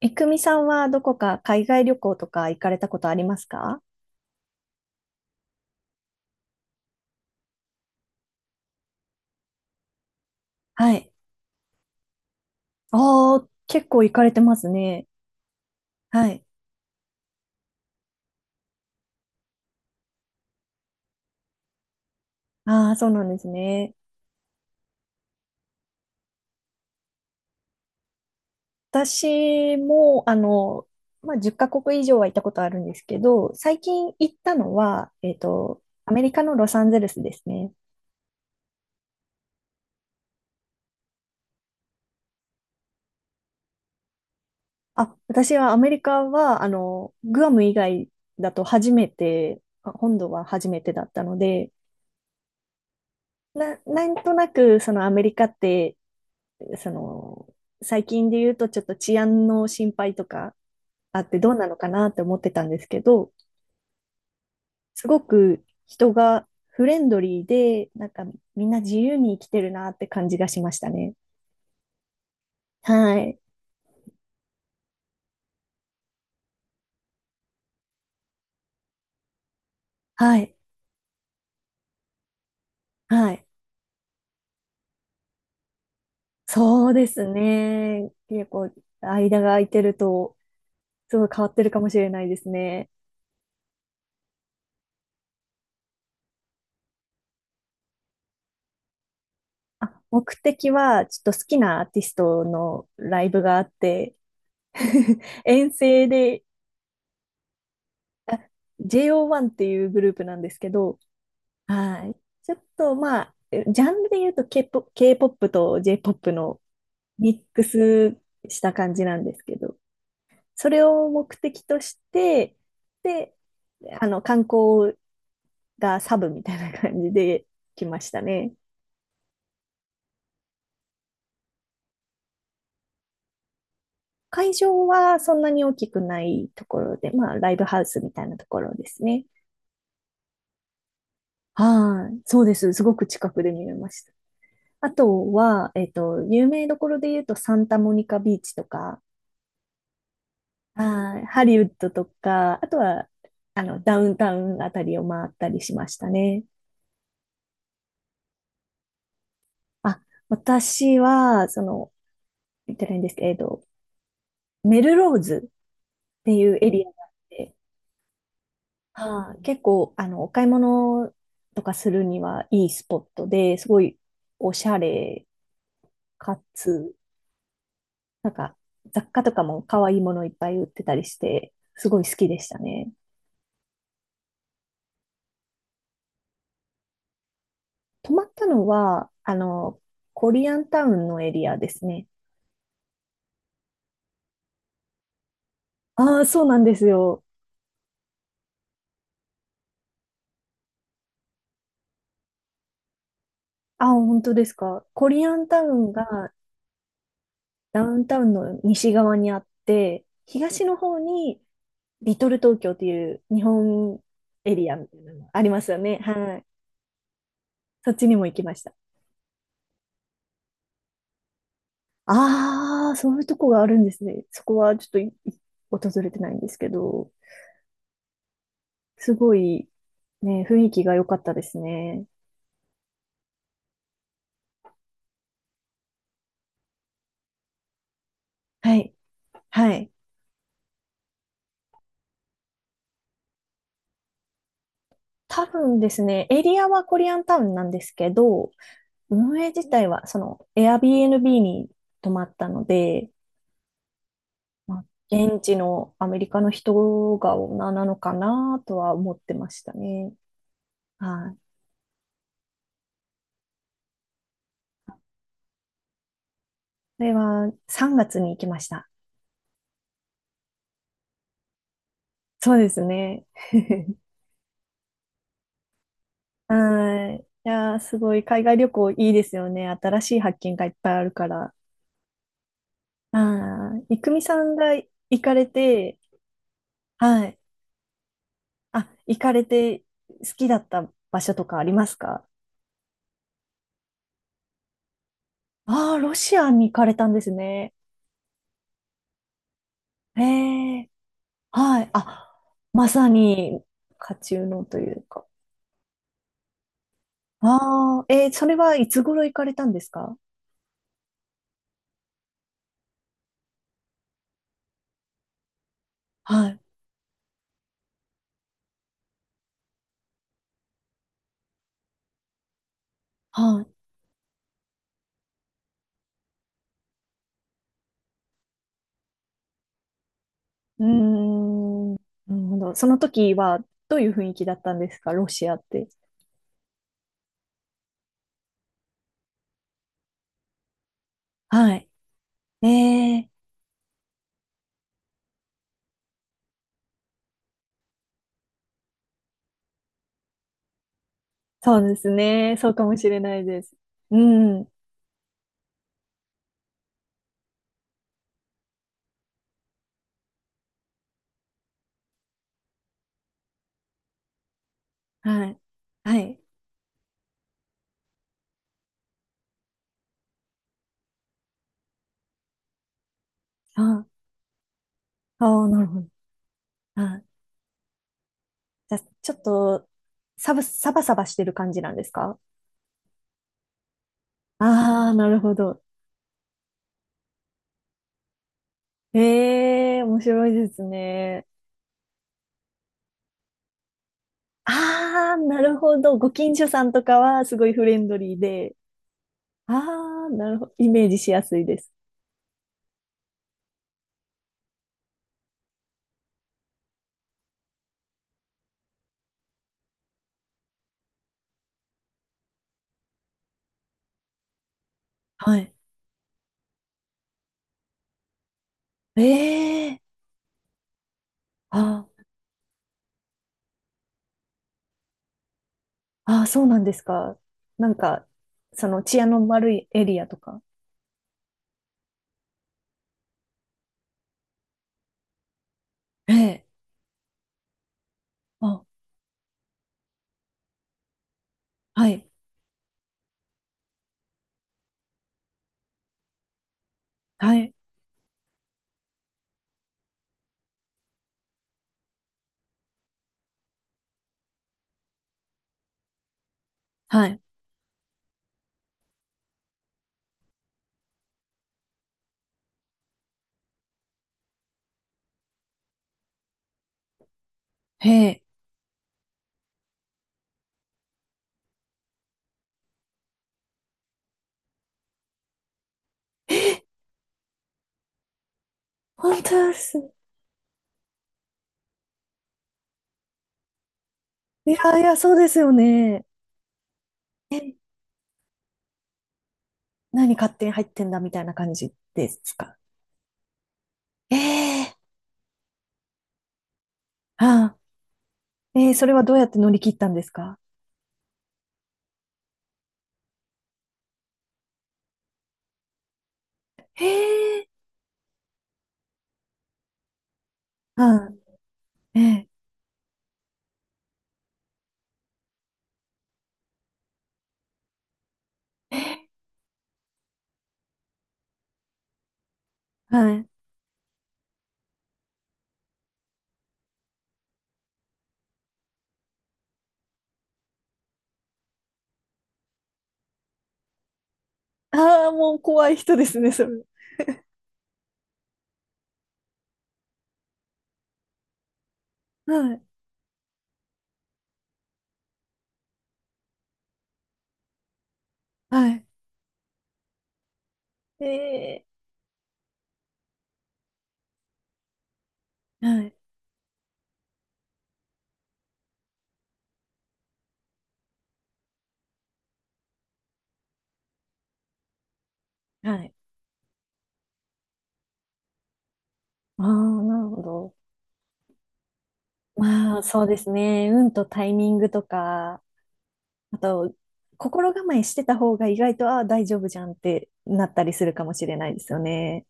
え、くみさんはどこか海外旅行とか行かれたことありますか？はい。ああ、結構行かれてますね。はい。ああ、そうなんですね。私も、あの、まあ、10カ国以上は行ったことあるんですけど、最近行ったのは、アメリカのロサンゼルスですね。あ、私はアメリカは、あの、グアム以外だと初めて、あ、本土は初めてだったので、なんとなく、そのアメリカってその、最近で言うとちょっと治安の心配とかあって、どうなのかなって思ってたんですけど、すごく人がフレンドリーで、なんかみんな自由に生きてるなって感じがしましたね。はい。はい。はい。そうですね。結構、間が空いてると、すごい変わってるかもしれないですね。あ、目的は、ちょっと好きなアーティストのライブがあって 遠征で、あ、 JO1 っていうグループなんですけど、はい。ちょっとまあ、ジャンルで言うと K-POP、k ポップと J-POP のミックスした感じなんですけど、それを目的として、で、あの、観光がサブみたいな感じで来ましたね。会場はそんなに大きくないところで、まあ、ライブハウスみたいなところですね。はい。そうです。すごく近くで見れました。あとは、有名どころで言うと、サンタモニカビーチとか、はい、ハリウッドとか、あとは、あの、ダウンタウンあたりを回ったりしましたね。あ、私は、その、言ってないんですけど、メルローズっていうエリアがあって、はい、結構、あの、お買い物とかするにはいいスポットで、すごいおしゃれかつ、なんか、雑貨とかも可愛いものいっぱい売ってたりして、すごい好きでしたね。泊まったのは、あの、コリアンタウンのエリアですね。ああ、そうなんですよ。あ、本当ですか？コリアンタウンがダウンタウンの西側にあって、東の方にリトル東京という日本エリアみたいなのありますよね。はい。そっちにも行きました。ああ、そういうとこがあるんですね。そこはちょっといい、訪れてないんですけど、すごいね、雰囲気が良かったですね。はい。はい。多分ですね、エリアはコリアンタウンなんですけど、運営自体はその Airbnb に泊まったので、まあ、現地のアメリカの人が女なのかなとは思ってましたね。はい。それは3月に行きました。そうですね。はい。いやー、すごい海外旅行いいですよね。新しい発見がいっぱいあるから。はい。いくみさんが行かれて、はい。あ、行かれて好きだった場所とかありますか？ああー、ロシアに行かれたんですね。へえ、はい。あ、まさに、家中のというか。ああ、それはいつ頃行かれたんですか？はい。はい。うーん。なるほど。その時はどういう雰囲気だったんですか？ロシアって。はい。ええ、そうですね。そうかもしれないです。うん。はい。はい。ああ、ああ、なるほど。はい、じゃあ、ちょっと、サバサバしてる感じなんですか？ああー、なるほど。ええ、面白いですね。ああー、なるほど。ご近所さんとかはすごいフレンドリーで、ああ、なるほど。イメージしやすいです。はい。ええ、ああ、そうなんですか？なんか、その治安の悪いエリアとか。ええ、あ、はい、はい、はい、へえ。え、本当です。いやいや、そうですよね。何勝手に入ってんだみたいな感じですか？ええ、ああ、それはどうやって乗り切ったんですか？へえ、はあ、ええ、はい。ああ、もう怖い人ですね、それ。はい、はい。ええ、はい、はい。ああ、なるほど。まあ、そうですね。運とタイミングとか、あと、心構えしてた方が意外と、ああ、大丈夫じゃんってなったりするかもしれないですよね。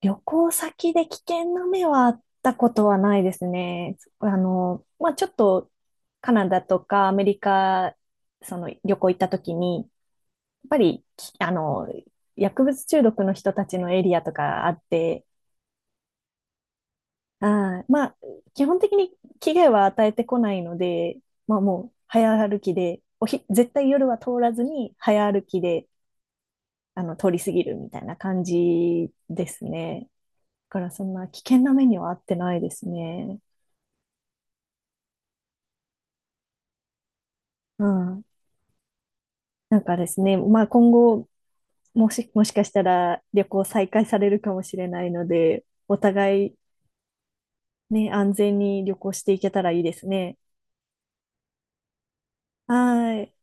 旅行先で危険な目はあったことはないですね。あの、まあ、ちょっとカナダとかアメリカ、その旅行行った時に、やっぱり、あの、薬物中毒の人たちのエリアとかあって、あー、まあ、基本的に危害は与えてこないので、まあ、もう早歩きで、絶対夜は通らずに早歩きで、あの、通り過ぎるみたいな感じですね。だからそんな危険な目にはあってないですね。うん。なんかですね、まあ、今後、もしかしたら旅行再開されるかもしれないので、お互いね、安全に旅行していけたらいいですね。はーい。